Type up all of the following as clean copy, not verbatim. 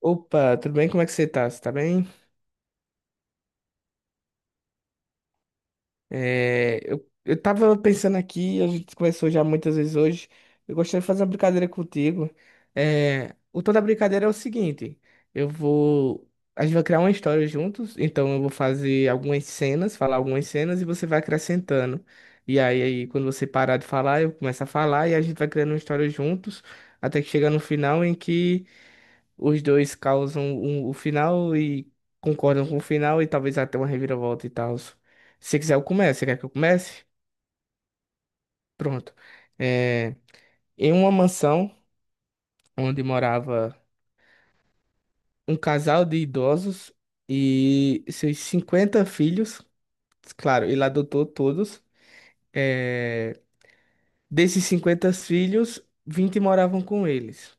Opa, tudo bem? Como é que você tá? Você tá bem? É, eu tava pensando aqui, a gente conversou já muitas vezes hoje. Eu gostaria de fazer uma brincadeira contigo. É, o tom da brincadeira é o seguinte, eu vou... a gente vai criar uma história juntos, então eu vou fazer algumas cenas, falar algumas cenas e você vai acrescentando. E aí quando você parar de falar, eu começo a falar e a gente vai criando uma história juntos, até que chega no final em que. Os dois causam o final e concordam com o final e talvez até uma reviravolta e tal. Se quiser, eu começo. Você quer que eu comece? Pronto. É, em uma mansão onde morava um casal de idosos e seus 50 filhos, claro, ele adotou todos. É, desses 50 filhos, 20 moravam com eles.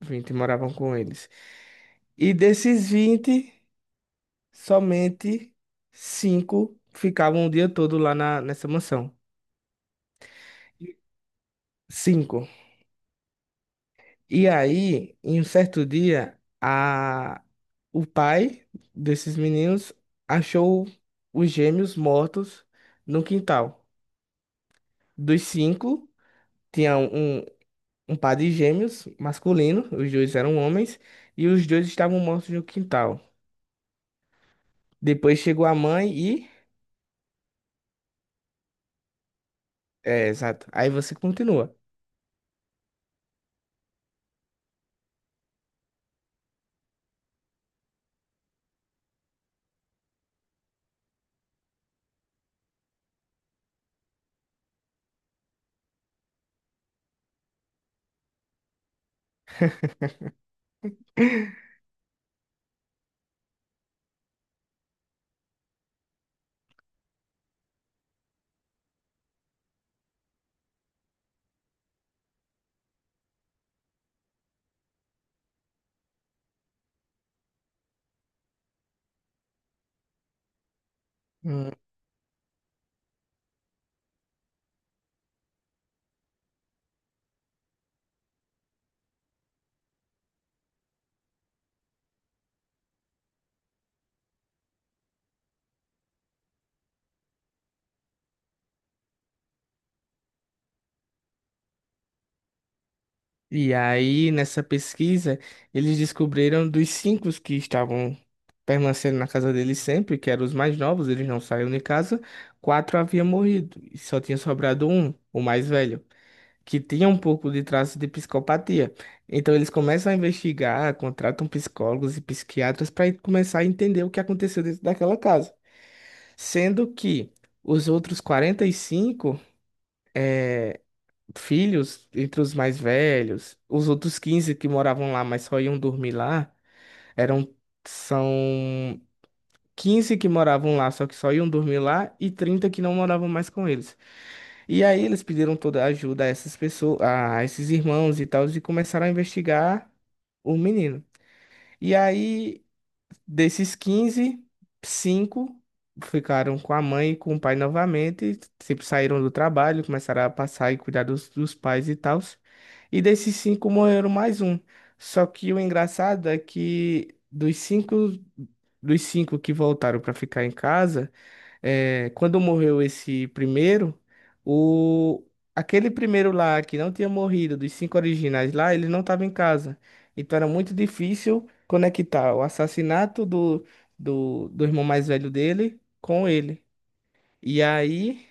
20 moravam com eles. E desses 20, somente cinco ficavam o dia todo lá nessa mansão. Cinco. E aí, em um certo dia, o pai desses meninos achou os gêmeos mortos no quintal. Dos cinco, tinha um par de gêmeos masculino, os dois eram homens, e os dois estavam mortos no quintal. Depois chegou a mãe e. É, exato. Aí você continua. E aí, nessa pesquisa, eles descobriram dos cinco que estavam permanecendo na casa deles sempre, que eram os mais novos, eles não saíam de casa, quatro haviam morrido e só tinha sobrado um, o mais velho, que tinha um pouco de traço de psicopatia. Então, eles começam a investigar, contratam psicólogos e psiquiatras para começar a entender o que aconteceu dentro daquela casa, sendo que os outros 45 filhos entre os mais velhos, os outros 15 que moravam lá, mas só iam dormir lá, eram são 15 que moravam lá, só que só iam dormir lá e 30 que não moravam mais com eles. E aí eles pediram toda a ajuda a essas pessoas, a esses irmãos e tal, e começaram a investigar o menino. E aí, desses 15, 5 ficaram com a mãe e com o pai novamente. Sempre saíram do trabalho, começaram a passar e cuidar dos pais e tal. E desses cinco morreram mais um. Só que o engraçado é que dos cinco que voltaram para ficar em casa, é, quando morreu esse primeiro, o aquele primeiro lá que não tinha morrido, dos cinco originais lá, ele não estava em casa. Então era muito difícil conectar o assassinato do irmão mais velho dele com ele. E aí.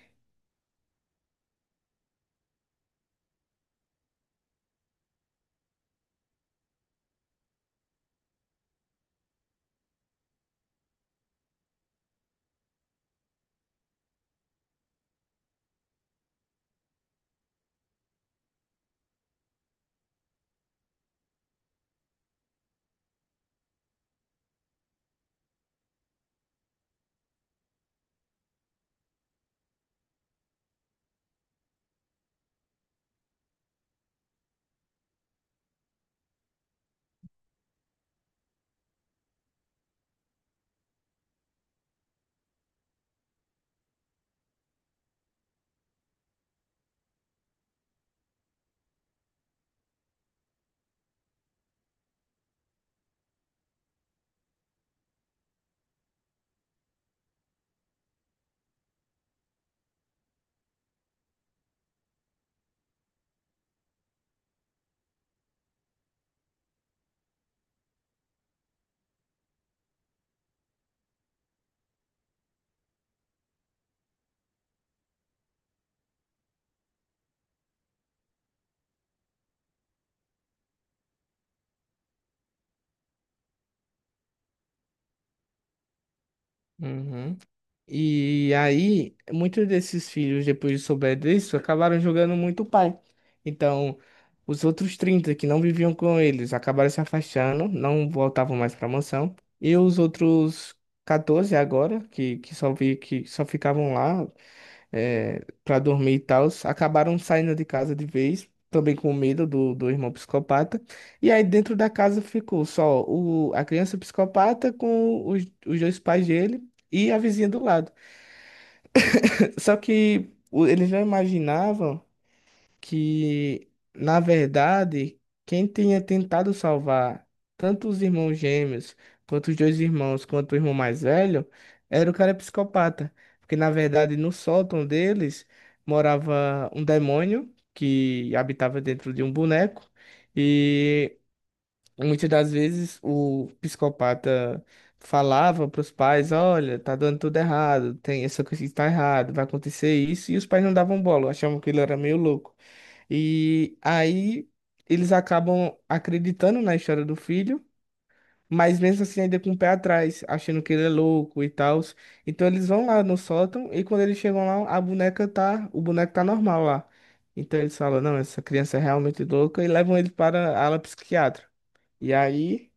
Uhum. E aí, muitos desses filhos, depois de souber disso, acabaram jogando muito o pai. Então, os outros 30 que não viviam com eles acabaram se afastando, não voltavam mais para a mansão. E os outros 14 agora, que só ficavam lá para dormir e tal, acabaram saindo de casa de vez, também com medo do irmão psicopata. E aí, dentro da casa ficou só a criança psicopata com os dois pais dele e a vizinha do lado. Só que eles não imaginavam que, na verdade, quem tinha tentado salvar tanto os irmãos gêmeos, quanto os dois irmãos, quanto o irmão mais velho, era o cara psicopata. Porque, na verdade, no sótão deles morava um demônio que habitava dentro de um boneco. E muitas das vezes o psicopata falava para os pais, olha, tá dando tudo errado, tem essa coisa que está errado, vai acontecer isso, e os pais não davam bola, achavam que ele era meio louco. E aí eles acabam acreditando na história do filho, mas mesmo assim ainda com o pé atrás, achando que ele é louco e tal. Então eles vão lá no sótão e quando eles chegam lá, a boneca tá, o boneco tá normal lá. Então eles falam, não, essa criança é realmente louca e levam ele para a ala psiquiátrica. E aí.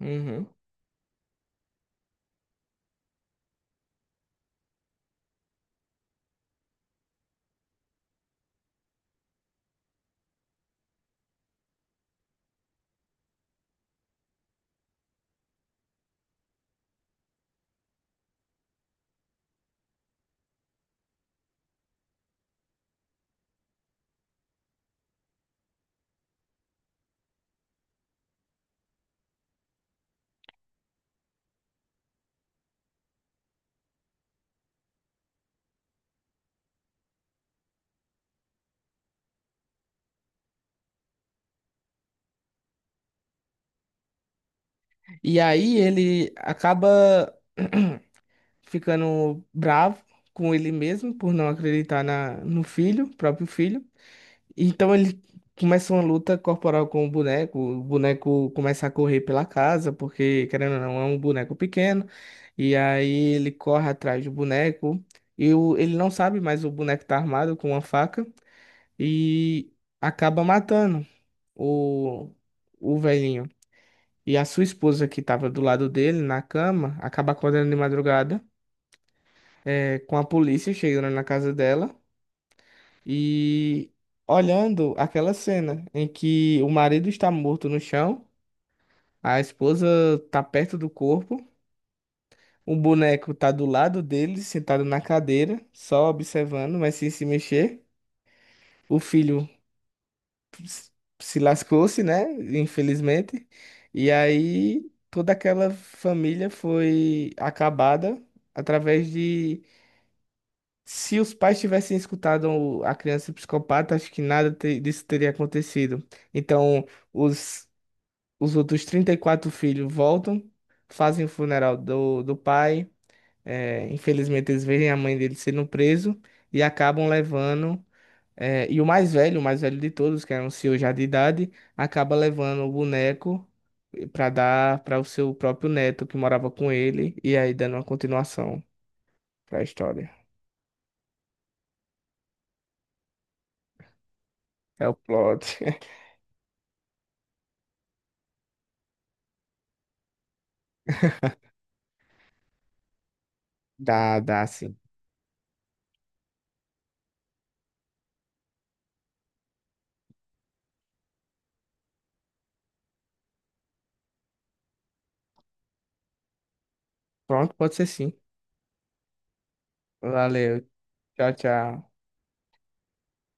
Uhum. E aí ele acaba ficando bravo com ele mesmo por não acreditar na, no filho, próprio filho. Então ele começa uma luta corporal com o boneco. O boneco começa a correr pela casa, porque, querendo ou não, é um boneco pequeno. E aí ele corre atrás do boneco. E ele não sabe, mas o boneco tá armado com uma faca e acaba matando o, o velhinho. E a sua esposa, que estava do lado dele na cama, acaba acordando de madrugada, é, com a polícia chegando na casa dela e olhando aquela cena em que o marido está morto no chão, a esposa está perto do corpo, o boneco está do lado dele, sentado na cadeira, só observando, mas sem se mexer. O filho s- se lascou-se, né? Infelizmente. E aí toda aquela família foi acabada através de. Se os pais tivessem escutado a criança psicopata, acho que nada disso teria acontecido. Então, os, os outros 34 filhos voltam, fazem o funeral do pai. É, infelizmente, eles veem a mãe dele sendo preso e acabam levando é, e o mais velho de todos, que era um senhor já de idade, acaba levando o boneco para dar para o seu próprio neto que morava com ele, e aí dando uma continuação para a história. É o plot. Dá sim. Pronto, pode ser sim. Valeu. Tchau, tchau.